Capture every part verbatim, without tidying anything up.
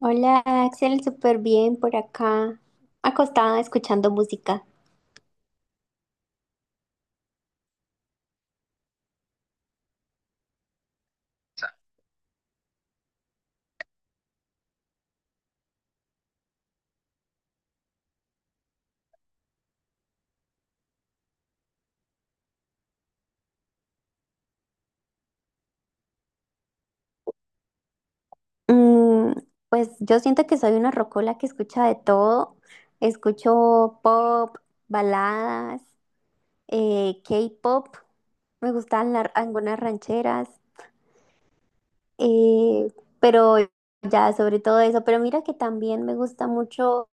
Hola Axel, súper bien por acá, acostada escuchando música. Mm, pues yo siento que soy una rocola que escucha de todo. Escucho pop, baladas, eh, K-pop, me gustan la- algunas rancheras, eh, pero ya sobre todo eso. Pero mira que también me gusta mucho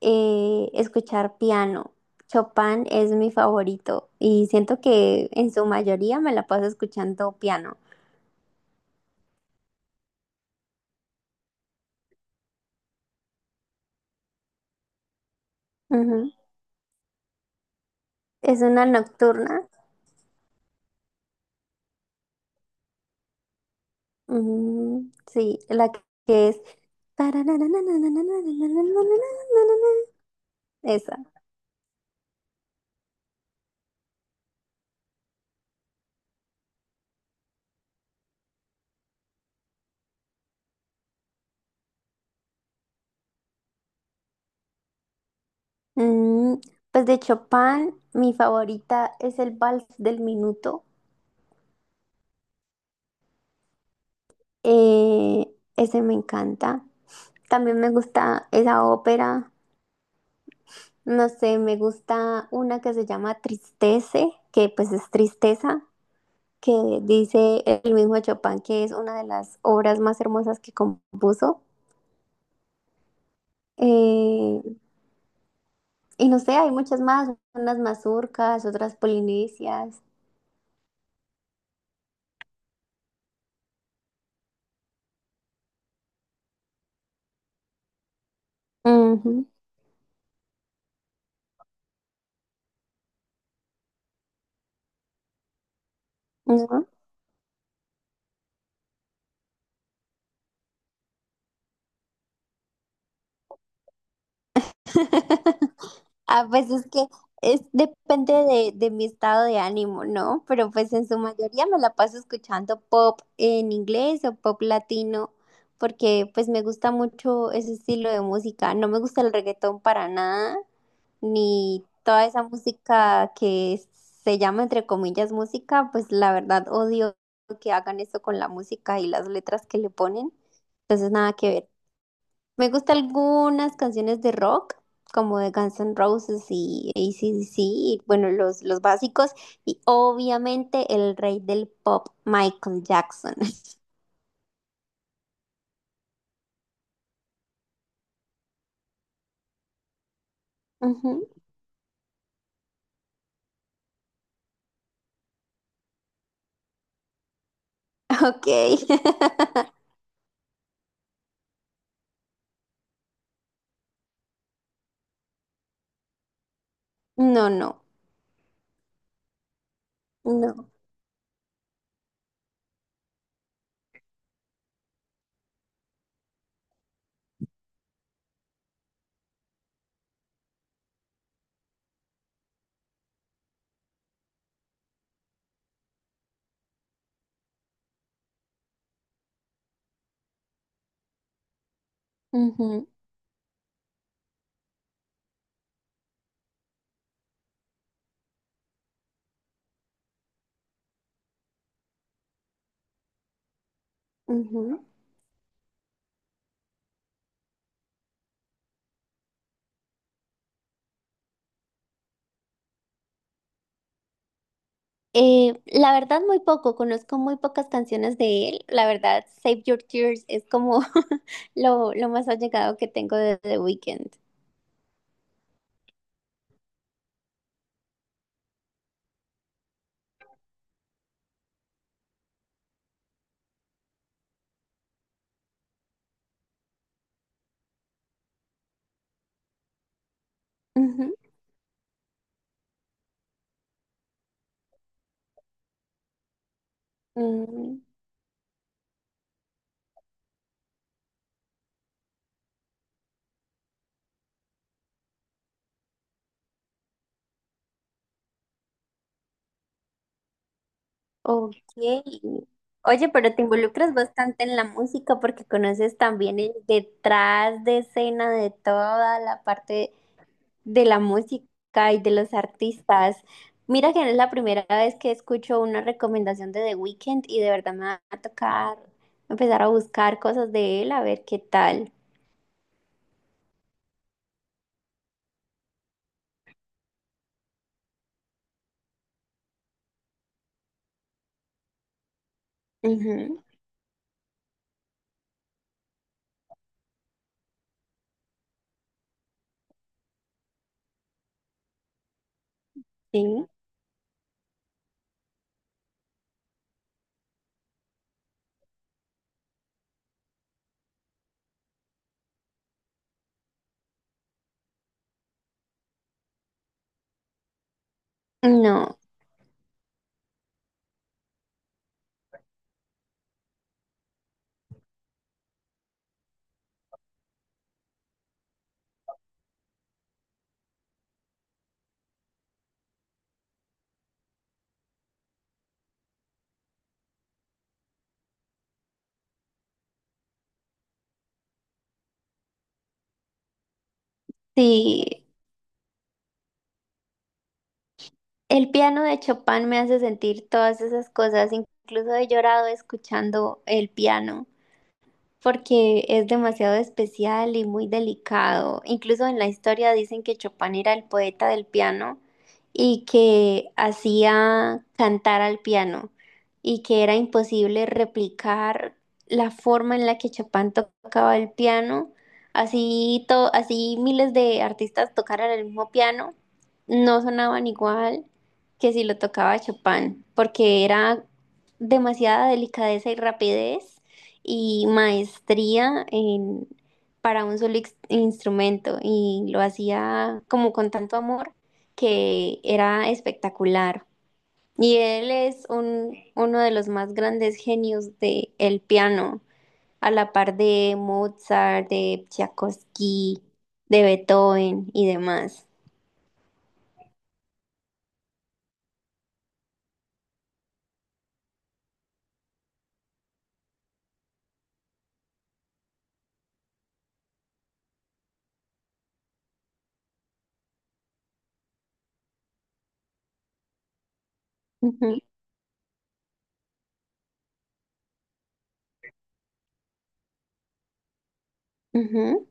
eh, escuchar piano. Chopin es mi favorito y siento que en su mayoría me la paso escuchando piano. Ujú. Es una nocturna. Mm, sí, la que que es. Esa. Mm, pues de Chopin, mi favorita es el Vals del Minuto. Eh, Ese me encanta. También me gusta esa ópera. No sé, me gusta una que se llama Tristece, que pues es tristeza, que dice el mismo Chopin que es una de las obras más hermosas que compuso. Eh, Y no sé, hay muchas más, unas mazurcas, otras polinesias. Ujú, ¿no? Ah, pues es que es, depende de, de mi estado de ánimo, ¿no? Pero pues en su mayoría me la paso escuchando pop en inglés o pop latino, porque pues me gusta mucho ese estilo de música. No me gusta el reggaetón para nada, ni toda esa música que se llama entre comillas música, pues la verdad odio que hagan eso con la música y las letras que le ponen. Entonces nada que ver. Me gustan algunas canciones de rock, como de Guns N' Roses y A C/D C, y bueno, los, los básicos, y obviamente el rey del pop, Michael Jackson. Ujú. Ok. No, no, no. Ujú, ujú. Eh, la verdad, muy poco, conozco muy pocas canciones de él. La verdad, Save Your Tears es como lo, lo más allegado que tengo de The Weeknd. Ujú. Mm, ok. Oye, pero te involucras bastante en la música porque conoces también el detrás de escena de toda la parte de la música y de los artistas. Mira que no es la primera vez que escucho una recomendación de The Weeknd y de verdad me va a tocar empezar a buscar cosas de él a ver qué tal. Ujú, sí. No, sí. El piano de Chopin me hace sentir todas esas cosas. Incluso he llorado escuchando el piano, porque es demasiado especial y muy delicado. Incluso en la historia dicen que Chopin era el poeta del piano y que hacía cantar al piano y que era imposible replicar la forma en la que Chopin tocaba el piano. Así, to- así miles de artistas tocaran el mismo piano, no sonaban igual que si lo tocaba Chopin, porque era demasiada delicadeza y rapidez y maestría en, para un solo ex- instrumento y lo hacía como con tanto amor que era espectacular. Y él es un, uno de los más grandes genios de el piano, a la par de Mozart, de Tchaikovsky, de Beethoven y demás. Ujú, ujú.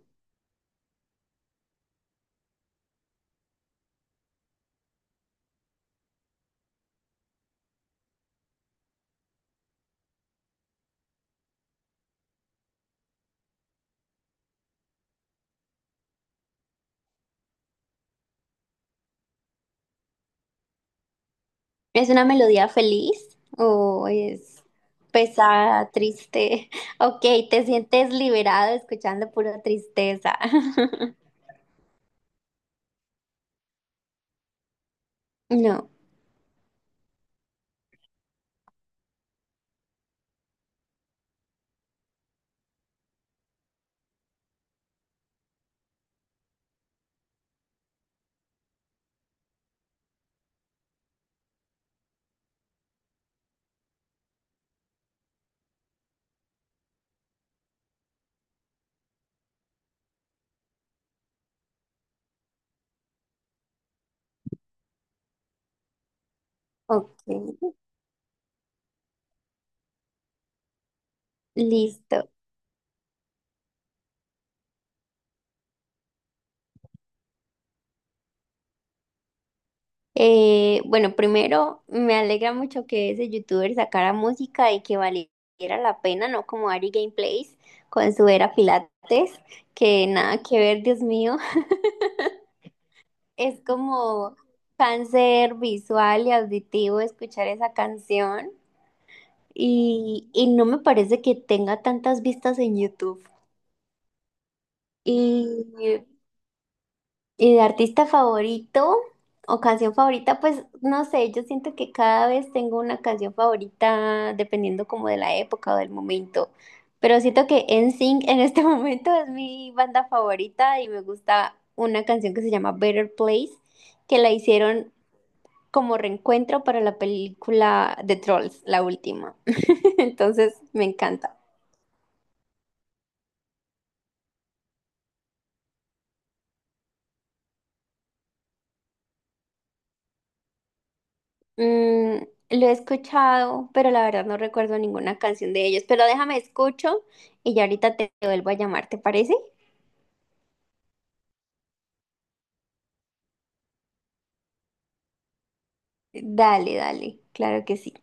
¿Es una melodía feliz o es pesada, triste? Ok, te sientes liberado escuchando pura tristeza. No, ok, listo. Eh, bueno, primero me alegra mucho que ese youtuber sacara música y que valiera la pena, no como Ari Gameplays con su era Pilates, que nada que ver, Dios mío. Es como cáncer visual y auditivo escuchar esa canción. Y, y no me parece que tenga tantas vistas en YouTube. Y, y de artista favorito o canción favorita, pues no sé, yo siento que cada vez tengo una canción favorita dependiendo como de la época o del momento. Pero siento que N Sync en este momento es mi banda favorita y me gusta una canción que se llama Better Place, que la hicieron como reencuentro para la película de Trolls, la última. Entonces me encanta. Mm, lo he escuchado, pero la verdad no recuerdo ninguna canción de ellos. Pero déjame escucho y ya ahorita te vuelvo a llamar, ¿te parece? Dale, dale, claro que sí.